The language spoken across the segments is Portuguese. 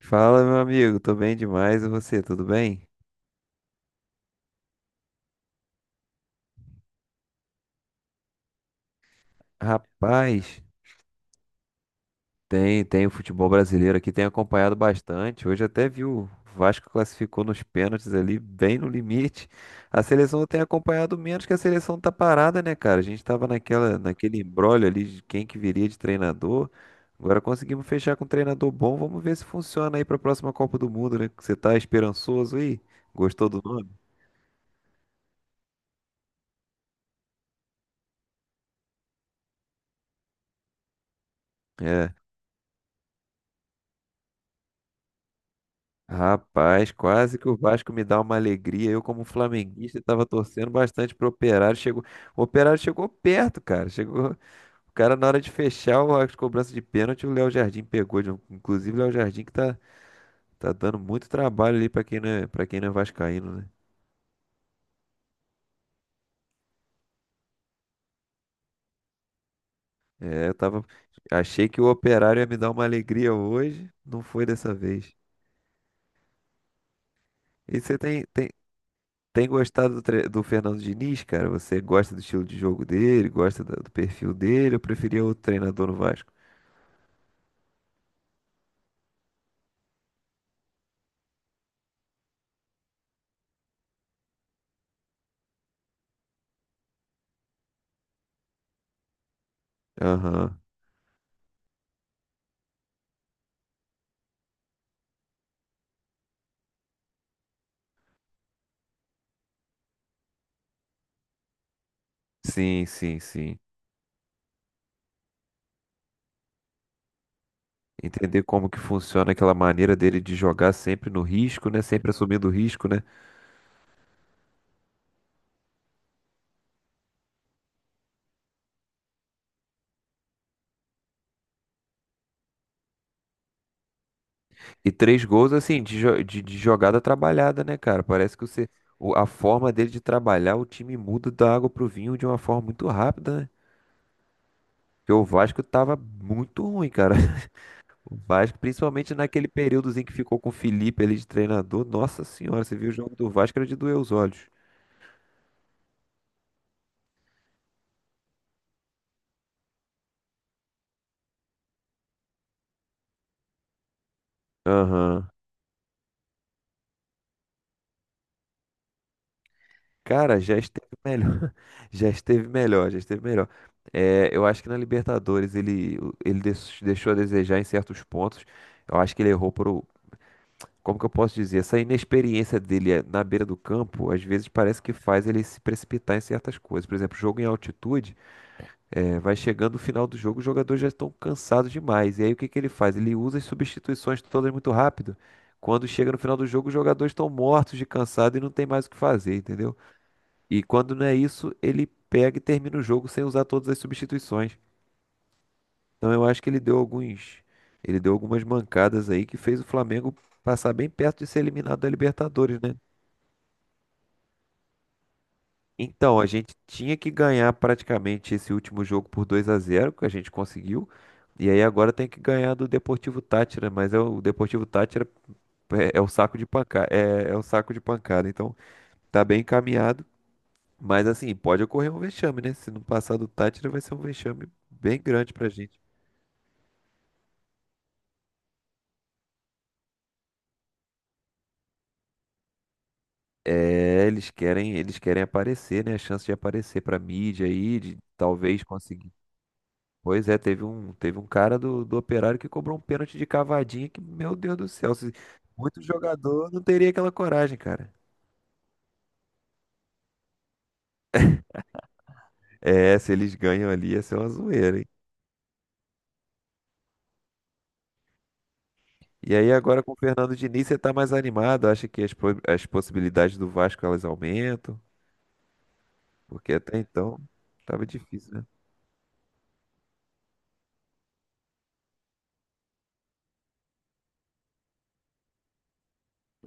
Fala, meu amigo, tô bem demais. E você, tudo bem? Rapaz, tem o futebol brasileiro aqui, tem acompanhado bastante. Hoje até vi o Vasco classificou nos pênaltis ali, bem no limite. A seleção tem acompanhado menos que a seleção tá parada, né, cara? A gente tava naquele imbróglio ali de quem que viria de treinador. Agora conseguimos fechar com um treinador bom. Vamos ver se funciona aí pra próxima Copa do Mundo, né? Você tá esperançoso aí? Gostou do nome? É. Rapaz, quase que o Vasco me dá uma alegria. Eu, como flamenguista, estava torcendo bastante pro Operário. Chegou, o Operário chegou perto, cara. Chegou, o cara na hora de fechar as cobranças de pênalti, o Léo Jardim pegou. Inclusive, o Léo Jardim que tá dando muito trabalho ali para quem não é, para quem não é vascaíno, né? É, achei que o Operário ia me dar uma alegria hoje, não foi dessa vez. E você tem gostado do Fernando Diniz, cara? Você gosta do estilo de jogo dele, gosta do perfil dele? Eu preferia outro treinador no Vasco. Aham. Sim, sim, sim. Entender como que funciona aquela maneira dele de jogar sempre no risco, né? Sempre assumindo o risco, né? E três gols, assim, de jogada trabalhada, né, cara? Parece que a forma dele de trabalhar, o time muda da água pro vinho de uma forma muito rápida, né? Porque o Vasco tava muito ruim, cara. O Vasco, principalmente naquele períodozinho que ficou com o Felipe ali de treinador. Nossa senhora, você viu o jogo do Vasco, era de doer os olhos. Aham. Cara, já esteve melhor. Já esteve melhor, já esteve melhor. É, eu acho que na Libertadores deixou a desejar em certos pontos. Eu acho que ele errou por. Como que eu posso dizer? Essa inexperiência dele é, na beira do campo, às vezes parece que faz ele se precipitar em certas coisas. Por exemplo, jogo em altitude. É, vai chegando o final do jogo, os jogadores já estão cansados demais. E aí o que que ele faz? Ele usa as substituições todas muito rápido. Quando chega no final do jogo, os jogadores estão mortos de cansado e não tem mais o que fazer, entendeu? E quando não é isso, ele pega e termina o jogo sem usar todas as substituições. Então eu acho que ele deu algumas mancadas aí que fez o Flamengo passar bem perto de ser eliminado da Libertadores, né? Então, a gente tinha que ganhar praticamente esse último jogo por 2-0 que a gente conseguiu. E aí agora tem que ganhar do Deportivo Táchira, mas é o Deportivo Táchira é, é o saco de pancada, é, é o saco de pancada. Então, tá bem encaminhado, mas assim, pode ocorrer um vexame, né? Se não passar do Táchira vai ser um vexame bem grande pra gente. É, eles querem aparecer, né? A chance de aparecer pra mídia aí, de talvez conseguir. Pois é, teve um cara do Operário que cobrou um pênalti de cavadinha que, meu Deus do céu, se, muito jogador não teria aquela coragem, cara. É, se eles ganham ali, ia ser uma zoeira, hein? E aí agora com o Fernando Diniz você tá mais animado, acha que as possibilidades do Vasco elas aumentam? Porque até então tava difícil, né?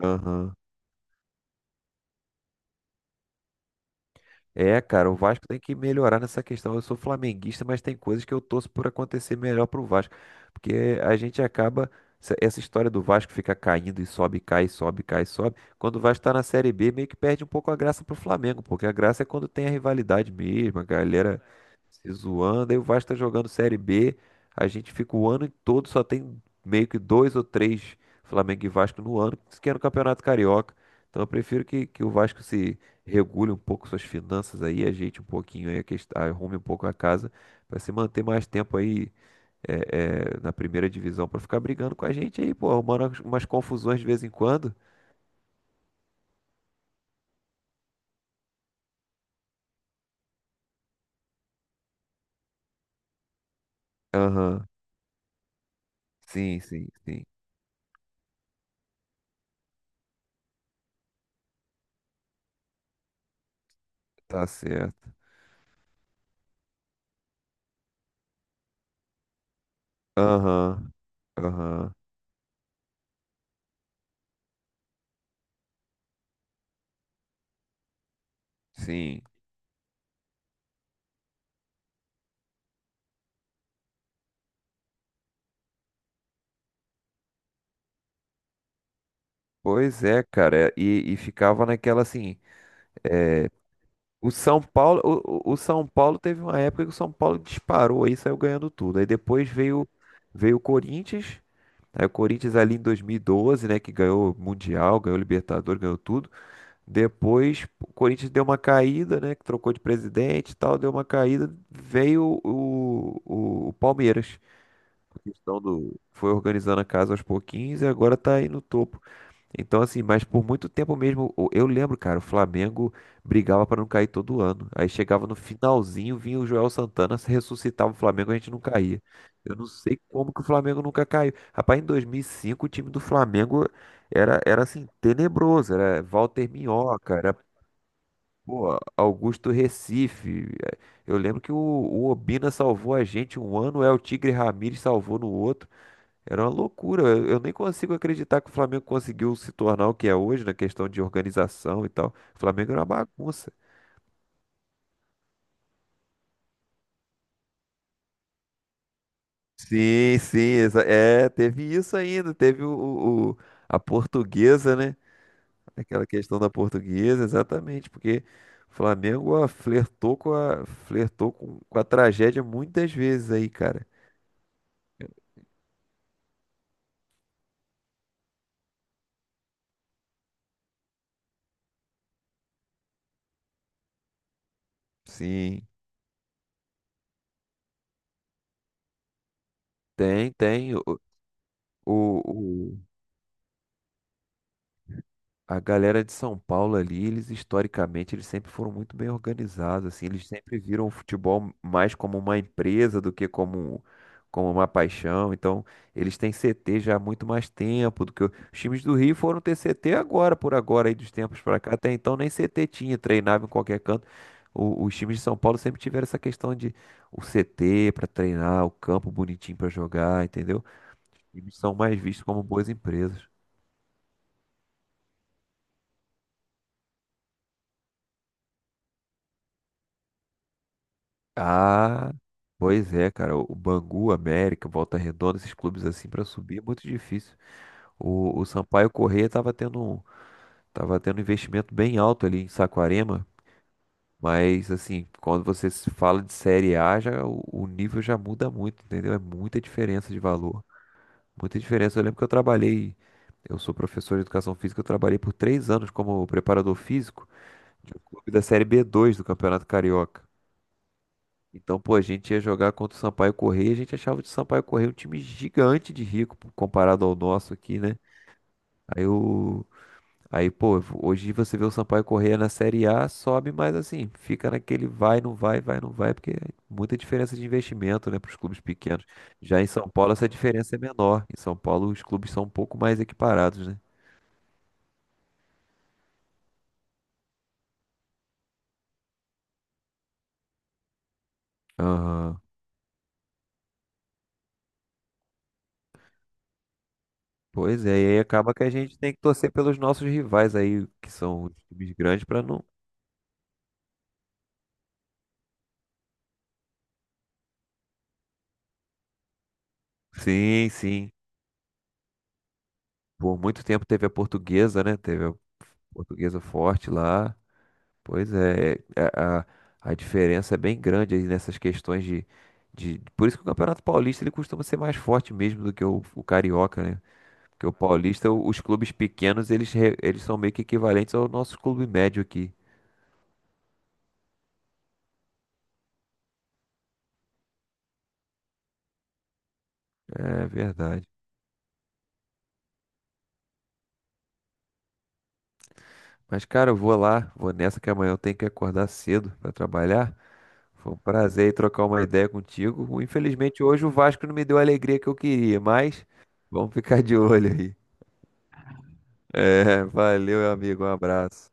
Aham. É, cara, o Vasco tem que melhorar nessa questão. Eu sou flamenguista, mas tem coisas que eu torço por acontecer melhor pro Vasco. Porque a gente acaba. Essa história do Vasco fica caindo e sobe, cai, sobe, cai, sobe. Quando o Vasco tá na Série B, meio que perde um pouco a graça pro Flamengo. Porque a graça é quando tem a rivalidade mesmo, a galera se zoando. Aí o Vasco tá jogando Série B. A gente fica o ano todo, só tem meio que dois ou três Flamengo e Vasco no ano, isso que é no Campeonato Carioca. Então eu prefiro que o Vasco se regule um pouco suas finanças aí, ajeite um pouquinho aí, arrume um pouco a casa, para se manter mais tempo aí é, é, na primeira divisão, para ficar brigando com a gente aí, pô, arrumando umas confusões de vez em quando. Aham, sim, sim, sim. Tá certo. Aham, aham, sim. Pois é, cara, e ficava naquela assim. O São Paulo, o São Paulo teve uma época que o São Paulo disparou aí, saiu ganhando tudo. Aí depois veio o Corinthians, aí o Corinthians ali em 2012, né, que ganhou Mundial, ganhou Libertadores, ganhou tudo. Depois o Corinthians deu uma caída, né, que trocou de presidente e tal, deu uma caída, veio o Palmeiras. A questão do foi organizando a casa aos pouquinhos e agora tá aí no topo. Então, assim, mas por muito tempo mesmo, eu lembro, cara, o Flamengo brigava pra não cair todo ano. Aí chegava no finalzinho, vinha o Joel Santana, se ressuscitava o Flamengo, a gente não caía. Eu não sei como que o Flamengo nunca caiu. Rapaz, em 2005 o time do Flamengo era assim, tenebroso. Era Walter Minhoca, era, pô, Augusto Recife. Eu lembro que o Obina salvou a gente um ano, é o Tigre Ramírez salvou no outro. Era uma loucura. Eu nem consigo acreditar que o Flamengo conseguiu se tornar o que é hoje na questão de organização e tal. O Flamengo era uma bagunça. Sim, sim, é, teve isso ainda, teve a portuguesa, né? Aquela questão da portuguesa, exatamente, porque o Flamengo ó, flertou com a tragédia muitas vezes aí, cara. Sim, tem, tem. O, A galera de São Paulo ali, eles historicamente, eles sempre foram muito bem organizados, assim, eles sempre viram o futebol mais como uma empresa do que como uma paixão. Então, eles têm CT já há muito mais tempo do que os times do Rio foram ter CT agora, por agora, aí dos tempos pra cá. Até então nem CT tinha, treinava em qualquer canto. Os times de São Paulo sempre tiveram essa questão de o CT pra treinar, o campo bonitinho pra jogar, entendeu? Eles são mais vistos como boas empresas. Ah, pois é, cara. O Bangu, América, Volta Redonda, esses clubes assim pra subir é muito difícil. O Sampaio Corrêa tava tendo tava tendo um investimento bem alto ali em Saquarema, mas assim, quando você se fala de Série A, já o nível já muda muito, entendeu? É muita diferença de valor, muita diferença. Eu lembro que eu trabalhei, eu sou professor de educação física, eu trabalhei por 3 anos como preparador físico de um clube da Série B2 do Campeonato Carioca. Então, pô, a gente ia jogar contra o Sampaio Correia, a gente achava o Sampaio Correia um time gigante de rico pô, comparado ao nosso aqui, né? Aí o Aí, pô, hoje você vê o Sampaio Correia na Série A, sobe, mas assim, fica naquele vai, não vai, porque é muita diferença de investimento, né, para os clubes pequenos. Já em São Paulo essa diferença é menor. Em São Paulo os clubes são um pouco mais equiparados, né? Aham. Pois é, e aí acaba que a gente tem que torcer pelos nossos rivais aí, que são os times grandes, para não. Sim, sim. Por muito tempo teve a portuguesa, né? Teve a portuguesa forte lá. Pois é, é, é, a diferença é bem grande aí nessas questões de, de. Por isso que o Campeonato Paulista ele costuma ser mais forte mesmo do que o Carioca, né? Porque o Paulista, os clubes pequenos, eles são meio que equivalentes ao nosso clube médio aqui. É verdade. Mas, cara, eu vou lá, vou nessa que amanhã eu tenho que acordar cedo para trabalhar. Foi um prazer aí trocar uma ideia contigo. Infelizmente, hoje o Vasco não me deu a alegria que eu queria, mas vamos ficar de olho aí. É, valeu, meu amigo. Um abraço.